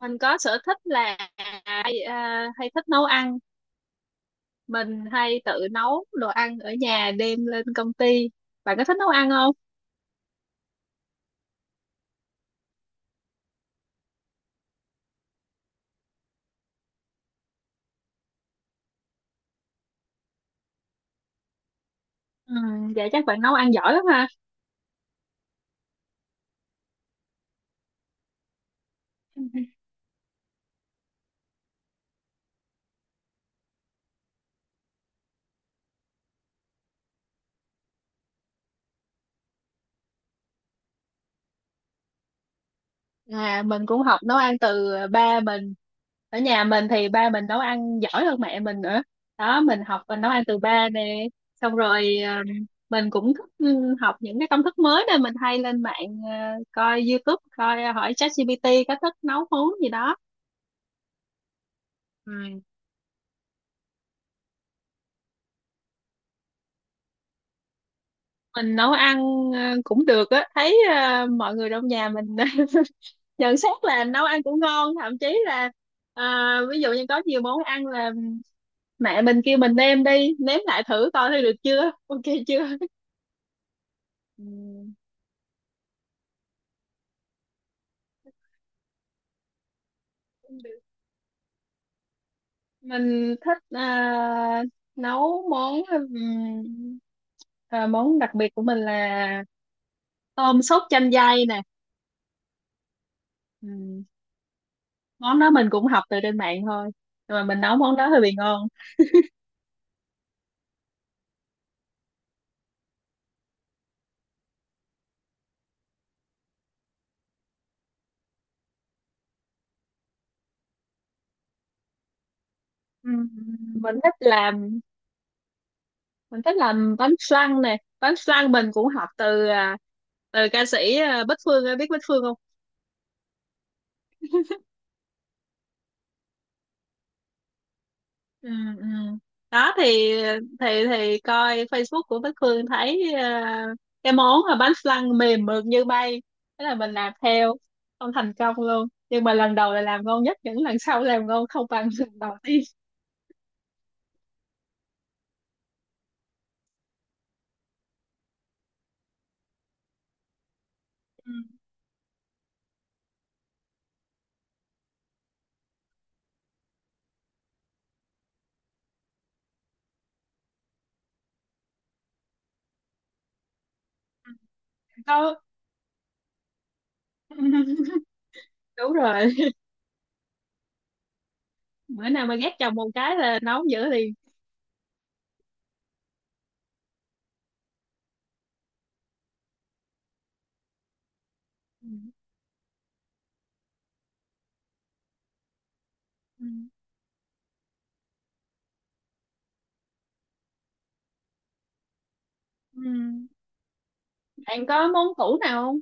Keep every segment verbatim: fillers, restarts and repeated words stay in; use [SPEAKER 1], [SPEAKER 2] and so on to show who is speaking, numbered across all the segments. [SPEAKER 1] Mình có sở thích là hay, à, hay thích nấu ăn. Mình hay tự nấu đồ ăn ở nhà đem lên công ty. Bạn có thích nấu ăn không? Ừ, vậy chắc bạn nấu ăn giỏi lắm ha. À, mình cũng học nấu ăn từ ba mình. Ở nhà mình thì ba mình nấu ăn giỏi hơn mẹ mình nữa. Đó, mình học và nấu ăn từ ba nè. Xong rồi, à, mình cũng thích ừ, học những cái công thức mới nên mình hay lên mạng, à, coi YouTube, coi, à, hỏi ChatGPT có thích nấu món gì đó. Ừ. Mình nấu ăn ờ, cũng được á, thấy ờ, mọi người trong nhà mình nhận xét là nấu ăn cũng ngon, thậm chí là ờ, ví dụ như có nhiều món ăn là mẹ mình kêu mình nêm đi nếm lại thử coi thấy được chưa ok chưa. Ừ, cũng được. Mình thích ờ, nấu món, ừm, ờ, món đặc biệt của mình là tôm sốt chanh dây nè. Ừm, Món đó mình cũng học từ trên mạng thôi, nhưng mà mình nấu món đó hơi bị ngon. Ừm, mình thích làm mình thích làm bánh flan nè, bánh flan mình cũng học từ à, từ ca sĩ, à, Bích Phương, em biết Bích Phương không? Ừ, ừ. Đó thì thì thì coi Facebook của Bích Phương thấy, à, cái món là bánh flan mềm mượt như bay. Thế là mình làm theo không thành công luôn, nhưng mà lần đầu là làm ngon nhất, những lần sau làm ngon không bằng lần đầu tiên. Ừ. Có. Đúng rồi, bữa nào mà ghét chồng một cái là nấu dữ liền. Ừ. Ừ. Ừ. Bạn có món tủ nào không?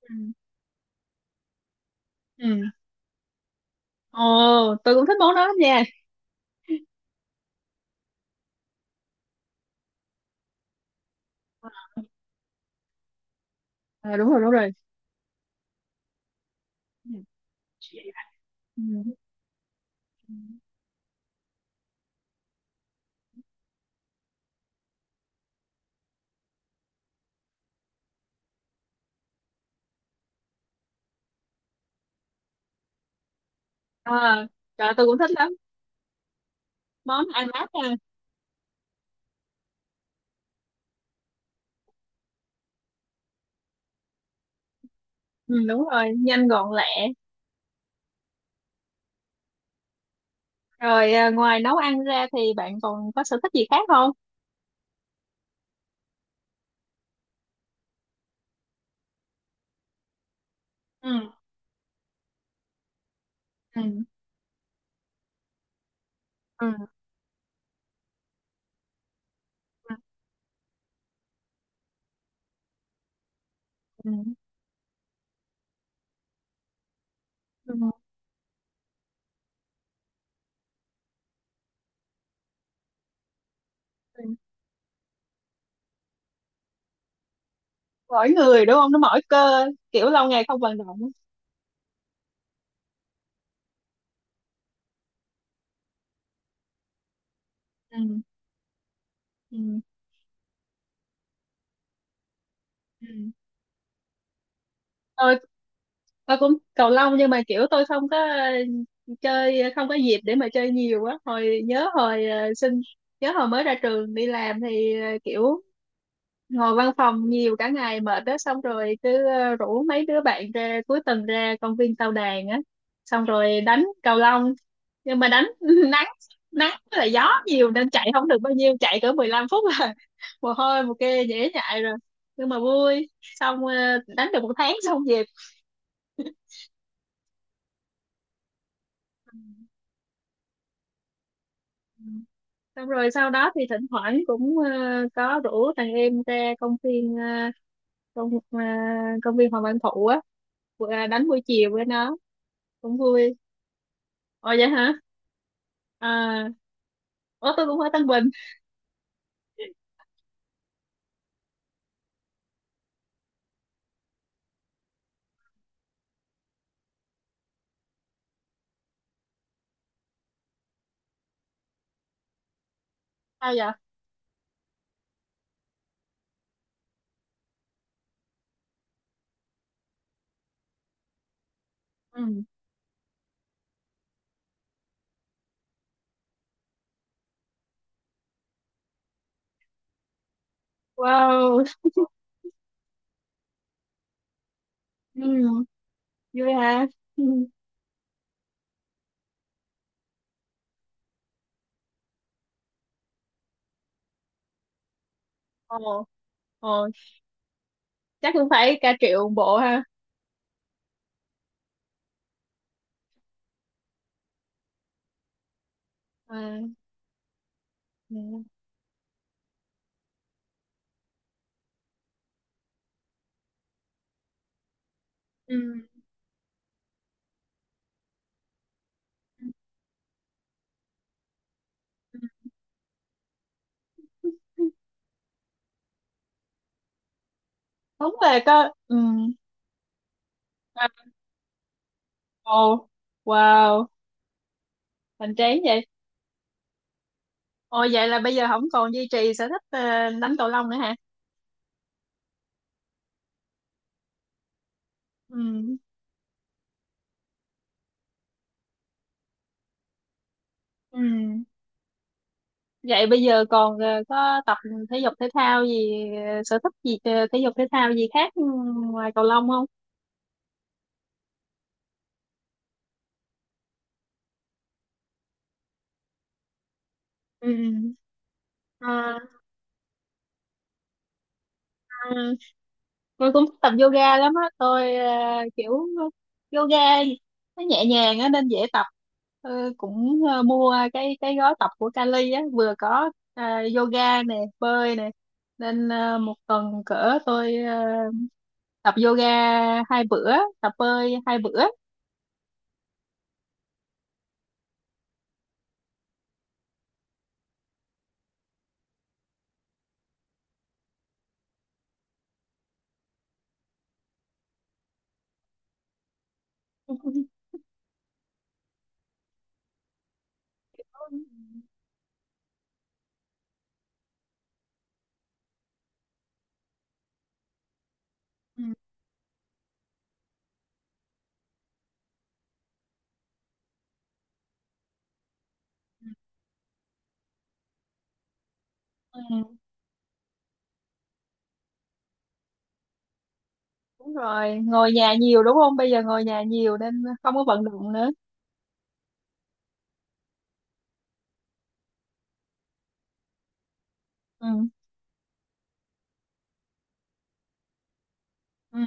[SPEAKER 1] Ừ. Ừ. Ồ, tôi cũng thích món đó lắm nha. À, đúng rồi, đúng rồi. Ừ. À, trời, tôi cũng thích lắm. Món ăn mát nha. Ừ, đúng rồi, nhanh gọn lẹ. Rồi, à, ngoài nấu ăn ra thì bạn còn có sở thích gì khác không? Ừ. Ừ. Ừ. Ừ. Ừ. Ừ. Ừ. Mỗi người đúng không, nó mỏi cơ. Kiểu lâu ngày không vận động. Ừ. Ừ. Ừ. tôi tôi cũng cầu lông, nhưng mà kiểu tôi không có ờ, chơi, không có dịp để mà chơi nhiều á, hồi nhớ hồi ờ, sinh nhớ hồi mới ra trường đi làm thì ờ, kiểu ngồi văn phòng nhiều cả ngày mệt đó, xong rồi cứ ờ, rủ mấy đứa bạn ra cuối tuần ra công viên Tao Đàn á. Xong rồi đánh cầu lông, nhưng mà đánh nắng, nắng với lại gió nhiều nên chạy không được bao nhiêu, chạy cỡ mười lăm phút là mồ hôi mồ kê dễ nhại rồi. Nhưng mà vui. Xong ờ, đánh được một tháng xong về. Xong rồi sau đó thì thỉnh thoảng cũng ờ, có rủ thằng em ra công viên, ờ, công ờ, công viên Hoàng Văn Thụ á. Ờ, đánh buổi chiều với nó. Cũng vui. Ồ vậy hả? À, ủa, tôi cũng ở Tân Bình. Sao vậy? Ừ. Wow. Ừ. Vui hả? Ừ. Ồ, ồ, chắc cũng phải cả triệu một bộ ha. À, dạ. Ừ. Ừ. Đúng là có. Ừ. À, ồ, wow, hoành tráng vậy. Ồ, vậy là bây giờ không còn duy trì sở thích ờ, đánh cầu lông nữa hả? Ừ. Ừ. Vậy bây giờ còn ờ, có tập thể dục thể thao gì, ờ, sở thích gì, ờ, thể dục thể thao gì khác, ừ, ngoài cầu lông không? Ừ. À, tôi cũng thích tập yoga lắm á, tôi à, kiểu yoga nó nhẹ nhàng á nên dễ tập. Ờ, cũng ờ, mua cái cái gói tập của Cali á, vừa có à, yoga nè, bơi nè, nên à, một tuần cỡ tôi à, tập yoga hai bữa, tập bơi hai bữa. Ừ, ừ, đúng rồi, ngồi nhà nhiều đúng không, bây giờ ngồi nhà nhiều nên không có vận động nữa. Ừ. Ừ.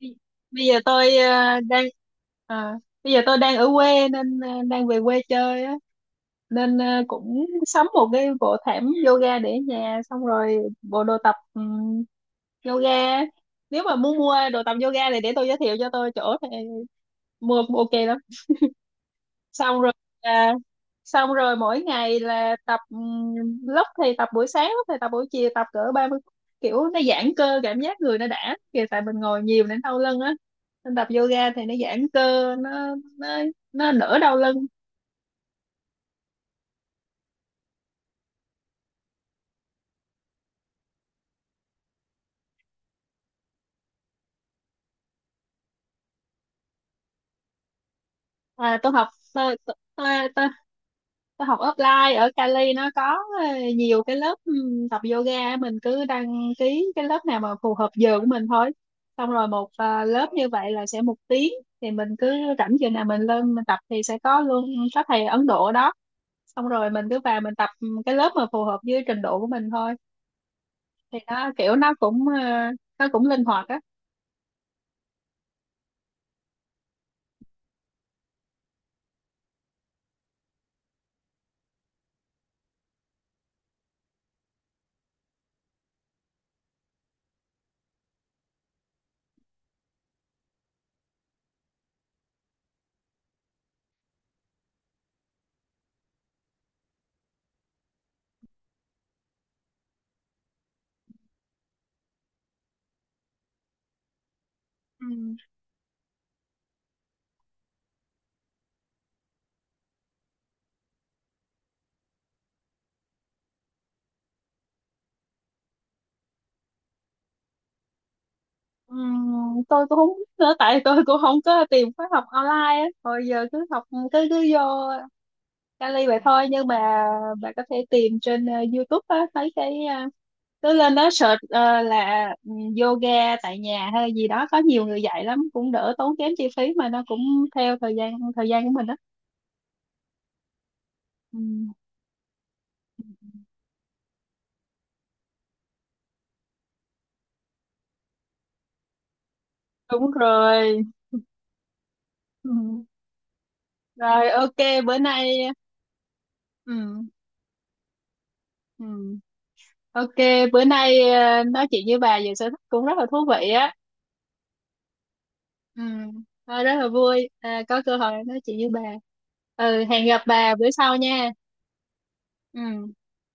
[SPEAKER 1] bây bây giờ tôi ờ, đang ờ, Bây giờ tôi đang ở quê nên ờ, đang về quê chơi á, nên ờ, cũng sắm một cái bộ thảm yoga để ở nhà, xong rồi bộ đồ tập ừm, yoga. Nếu mà muốn mua đồ tập yoga thì để tôi giới thiệu cho, tôi chỗ thì mua ok lắm. Xong rồi là, xong rồi mỗi ngày là tập, ừm, lúc thì tập buổi sáng, lúc thì tập buổi chiều, tập cỡ ba mươi phút. Kiểu nó giãn cơ, cảm giác người nó đã kìa, tại mình ngồi nhiều nên đau lưng á, nên tập yoga thì nó giãn cơ, nó nó nó đỡ đau lưng. À, tôi học tôi, tôi, tôi, Tôi học offline ở Cali, nó có ờ, nhiều cái lớp ừm, tập yoga, mình cứ đăng ký cái lớp nào mà phù hợp giờ của mình thôi. Xong rồi một ờ, lớp như vậy là sẽ một tiếng, thì mình cứ rảnh giờ nào mình lên mình tập thì sẽ có luôn. Có thầy Ấn Độ ở đó, xong rồi mình cứ vào mình tập ừm, cái lớp mà phù hợp với trình độ của mình thôi. Thì nó kiểu nó cũng ờ, nó cũng linh hoạt á. Ừ. Ừm, tôi cũng không biết nữa, tại tôi cũng không có tìm khóa học online á, hồi giờ cứ học, cứ cứ vô Cali vậy thôi, nhưng mà bạn có thể tìm trên ờ, YouTube á, mấy cái, uh, cứ lên đó search ờ, là, ừ, yoga tại nhà hay gì đó, có nhiều người dạy lắm, cũng đỡ tốn kém chi phí mà nó cũng theo thời gian, thời gian của mình đó. Ừ, đúng rồi. Ừ. Rồi, ok. Bữa nay. Ừ, ừ. Ok, bữa nay ờ, nói chuyện với bà về sở thích cũng rất là thú vị á. Ừ. Ờ, rất là vui, à, có cơ hội nói chuyện với bà. Ừ, hẹn gặp bà bữa sau nha. Ừ.